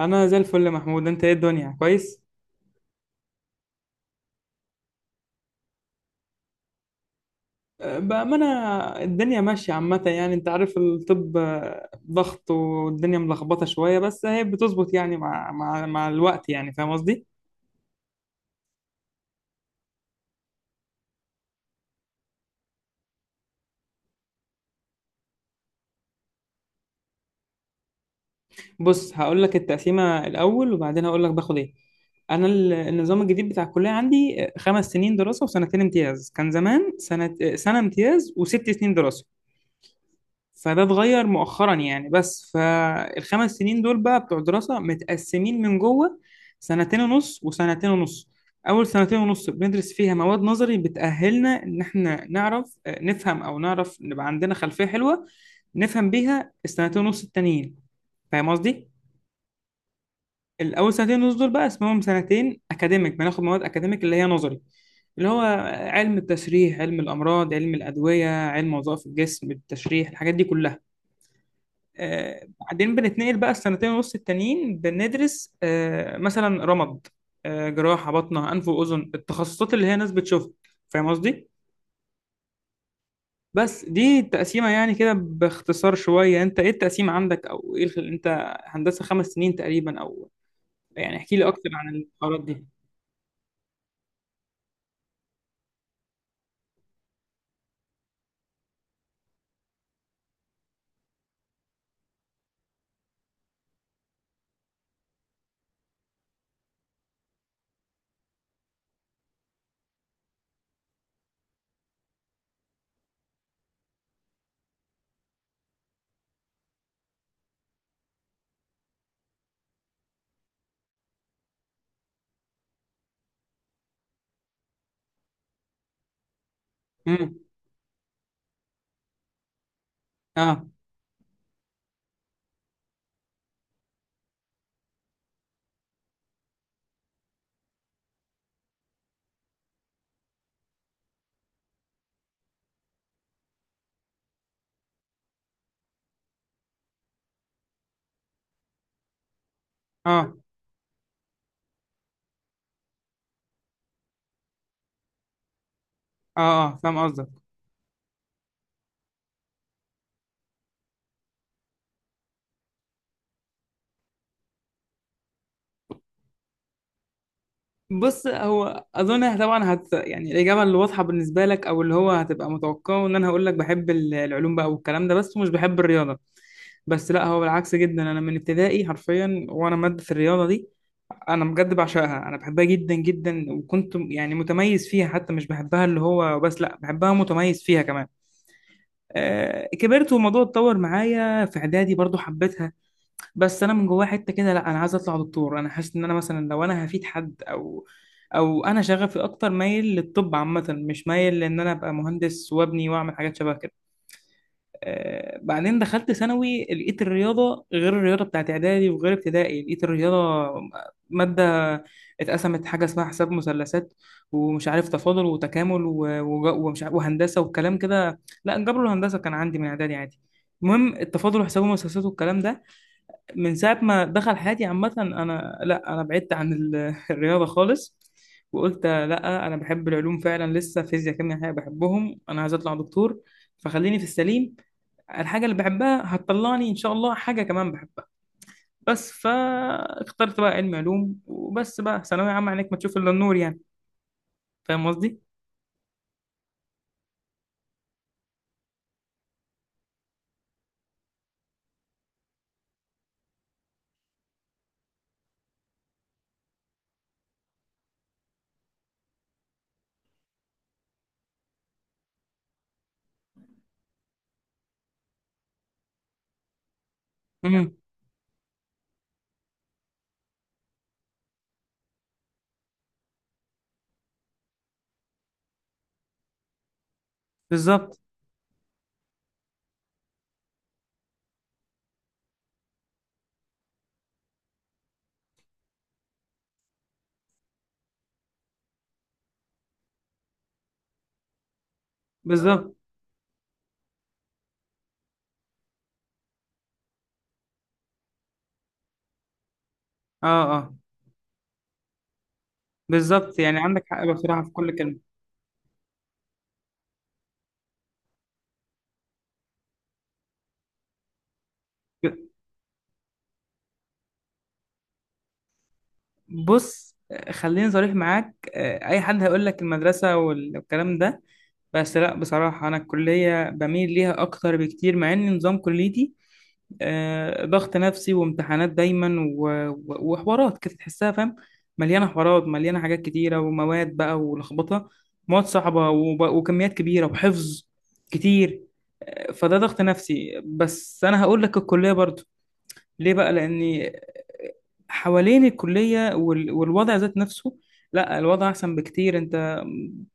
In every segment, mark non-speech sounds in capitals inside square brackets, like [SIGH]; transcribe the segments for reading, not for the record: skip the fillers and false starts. انا زي الفل يا محمود. انت ايه الدنيا، كويس؟ أه، بامانه. الدنيا ماشيه عامه، يعني انت عارف الطب، ضغط والدنيا ملخبطه شويه، بس هي بتظبط يعني مع الوقت، يعني فاهم قصدي. بص هقول لك التقسيمه الاول وبعدين هقول لك باخد ايه. انا النظام الجديد بتاع الكليه عندي 5 سنين دراسه و2 سنين امتياز. كان زمان سنه، سنه امتياز و6 سنين دراسه، فده اتغير مؤخرا يعني. بس فالخمس سنين دول بقى بتوع دراسة، متقسمين من جوه سنتين ونص وسنتين ونص. أول سنتين ونص بندرس فيها مواد نظري بتأهلنا إن إحنا نعرف، نفهم أو نعرف نبقى عندنا خلفية حلوة نفهم بيها السنتين ونص التانيين. فاهم قصدي؟ الأول سنتين ونص دول بقى اسمهم سنتين أكاديميك، بناخد مواد أكاديميك اللي هي نظري، اللي هو علم التشريح، علم الأمراض، علم الأدوية، علم وظائف الجسم، التشريح، الحاجات دي كلها. بعدين بنتنقل بقى السنتين ونص التانيين بندرس، مثلا رمد، جراحة، بطنة، أنف وأذن، التخصصات اللي هي ناس بتشوفها. فاهم قصدي؟ بس دي التقسيمة يعني، كده باختصار شوية. أنت إيه التقسيمة عندك، أو إيه أنت هندسة خمس سنين تقريبا، أو يعني احكي لي أكتر عن الحوارات دي. امم. آه. آه. آه. آه فاهم قصدك. بص، هو اظن طبعا هت يعني الاجابه اللي واضحه بالنسبه لك، او اللي هو هتبقى متوقعه ان انا هقول لك بحب العلوم بقى والكلام ده، بس ومش بحب الرياضه. بس لا، هو بالعكس جدا. انا من ابتدائي حرفيا وانا ماده الرياضه دي انا بجد بعشقها، انا بحبها جدا جدا، وكنت يعني متميز فيها. حتى مش بحبها اللي هو بس، لا بحبها متميز فيها كمان. آه كبرت والموضوع اتطور معايا في اعدادي برضو حبيتها. بس انا من جوايا حته كده، لا انا عايز اطلع دكتور. انا حاسس ان انا مثلا لو انا هفيد حد، او او انا شغفي اكتر مايل للطب عامه، مش مايل لان انا ابقى مهندس وابني واعمل حاجات شبه كده. بعدين دخلت ثانوي، لقيت الرياضة غير الرياضة بتاعت إعدادي وغير ابتدائي. لقيت الرياضة مادة اتقسمت حاجة اسمها حساب مثلثات، ومش عارف تفاضل وتكامل، ومش عارف، وهندسة والكلام كده. لا الجبر والهندسة كان عندي من إعدادي عادي، المهم التفاضل وحساب المثلثات والكلام ده من ساعة ما دخل حياتي عامة، أنا لا أنا بعدت عن [LAUGHS] الرياضة خالص. وقلت لا أنا بحب العلوم فعلا، لسه فيزياء كيمياء حاجة بحبهم، أنا عايز أطلع دكتور فخليني في السليم. الحاجة اللي بحبها هتطلعني إن شاء الله حاجة كمان بحبها. بس فاخترت بقى علم علوم، وبس بقى ثانوية عامة عينك ما تشوف إلا النور يعني. فاهم قصدي؟ امم. بالظبط. بالظبط. اه اه. بالظبط، يعني عندك حق بصراحة في كل كلمة. بص، خليني صريح معاك. اي حد هيقول لك المدرسه والكلام ده، بس لا بصراحه انا الكليه بميل ليها اكتر بكتير، مع ان نظام كليتي ضغط نفسي وامتحانات دايما، وحوارات كده تحسها، فاهم، مليانه حوارات، مليانه حاجات كتيره ومواد بقى ولخبطه، مواد صعبه وكميات كبيره وحفظ كتير. فده ضغط نفسي، بس انا هقول لك الكليه برضو. ليه بقى؟ لاني حوالين الكلية والوضع ذات نفسه، لا الوضع أحسن بكتير. أنت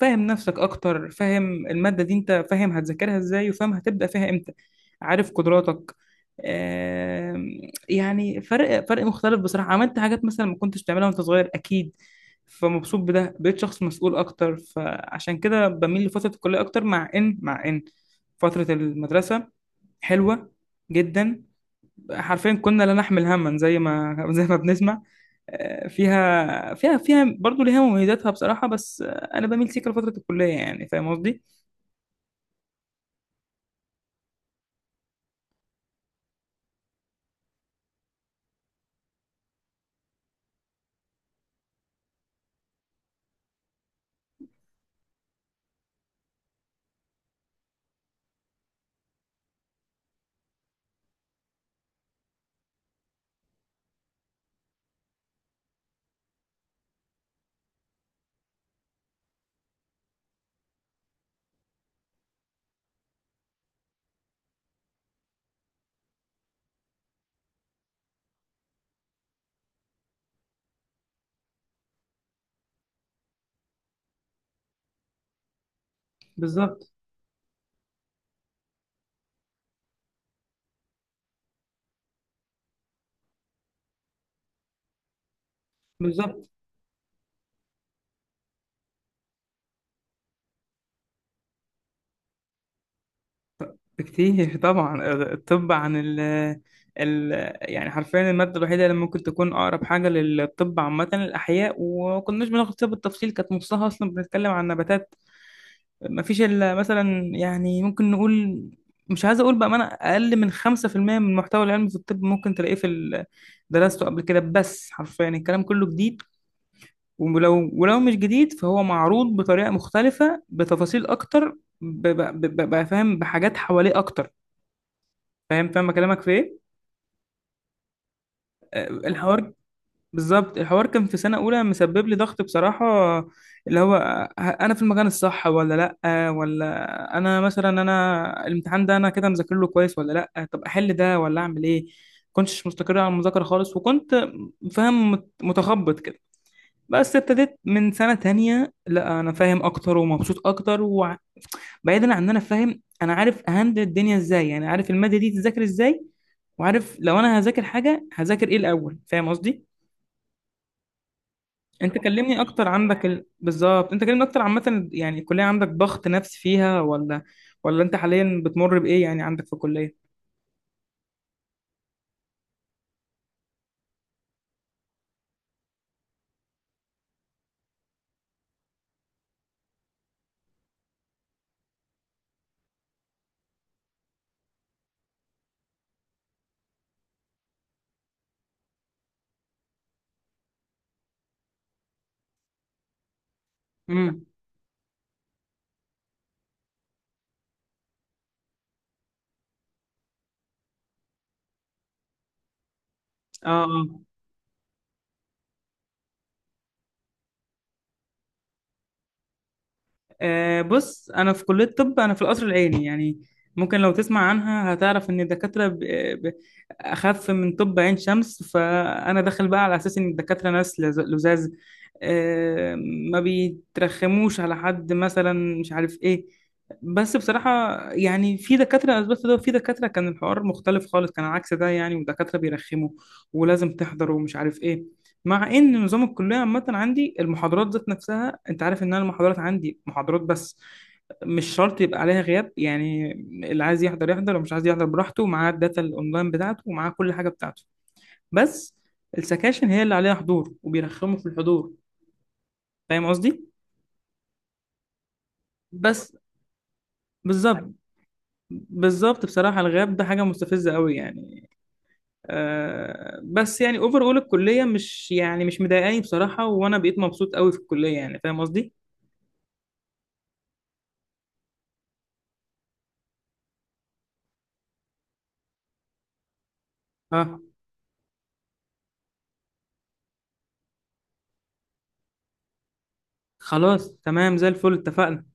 فاهم نفسك أكتر، فاهم المادة دي أنت، فاهم هتذاكرها إزاي، وفاهم هتبدأ فيها إمتى، عارف قدراتك. آم، يعني فرق مختلف بصراحة. عملت حاجات مثلا ما كنتش بتعملها وأنت صغير أكيد، فمبسوط بده، بقيت شخص مسؤول أكتر. فعشان كده بميل لفترة الكلية أكتر، مع إن مع إن فترة المدرسة حلوة جدا، حرفيا كنا لا نحمل هما زي ما [LAUGHS] زي ما بنسمع. فيها برضه ليها مميزاتها بصراحة، بس أنا بميل سيكا لفترة الكلية. يعني فاهم قصدي؟ بالظبط. بالظبط بكتير. [LAUGHS] طبعا الطب عن ال يعني حرفيا المادة الوحيدة اللي ممكن تكون أقرب حاجة للطب عامة الأحياء، وما كناش بناخد فيها بالتفصيل، كانت نصها أصلا بنتكلم عن نباتات. ما فيش إلا مثلا، يعني ممكن نقول، مش عايز أقول، بأمانة أقل من 5% من المحتوى العلمي في الطب ممكن تلاقيه في درسته قبل كده، بس حرفيا الكلام كله جديد. ولو مش جديد فهو معروض بطريقة مختلفة بتفاصيل أكتر، بقى فاهم بحاجات حواليه أكتر. فاهم، فاهم كلامك في إيه؟ الحوار. بالظبط، الحوار كان في سنة أولى مسبب لي ضغط بصراحة، اللي هو ه- أنا في المكان الصح ولا لأ؟ ولا أنا مثلا أنا الامتحان ده أنا كده مذاكر له كويس ولا لأ؟ طب أحل ده ولا أعمل إيه؟ كنتش مستقر على المذاكرة خالص، وكنت فاهم متخبط كده. بس ابتديت من سنة تانية، لأ أنا فاهم أكتر ومبسوط أكتر. وبعيدا عن إن أنا فاهم، أنا عارف أهندل الدنيا إزاي، يعني عارف المادة دي تذاكر إزاي، وعارف لو أنا هذاكر حاجة هذاكر إيه الأول، فاهم قصدي. انت كلمني اكتر، عندك ال... بالظبط، انت كلمني اكتر عامه يعني، الكليه عندك ضغط نفسي فيها، ولا ولا انت حاليا بتمر بايه يعني عندك في الكليه. امم. اه. آه. بص انا في كليه طب، انا في القصر العيني يعني، ممكن لو تسمع عنها هتعرف ان الدكاتره ب- اخف من طب عين شمس. فانا داخل بقى على اساس ان الدكاتره ناس لزاز، آه، ما بيترخموش على حد مثلا، مش عارف ايه. بس بصراحه يعني في دكاتره اثبتت ده، وفي دكاتره كان الحوار مختلف خالص، كان عكس ده يعني، ودكاتره بيرخموا ولازم تحضر ومش عارف ايه. مع ان نظام الكليه عامه عندي المحاضرات ذات نفسها، انت عارف ان انا المحاضرات عندي محاضرات بس، مش شرط يبقى عليها غياب يعني، اللي عايز يحضر يحضر ومش عايز يحضر براحته، ومعاه الداتا الاونلاين بتاعته ومعاه كل حاجه بتاعته. بس السكاشن هي اللي عليها حضور، وبيرخموا في الحضور، فاهم قصدي؟ بس، بالظبط. بالظبط بصراحه الغياب ده حاجه مستفزه قوي يعني. آه بس يعني اوفر اول الكليه، مش يعني مش مضايقاني بصراحه، وانا بقيت مبسوط قوي في الكليه، يعني فاهم قصدي. اه. خلاص تمام، زي الفل، اتفقنا.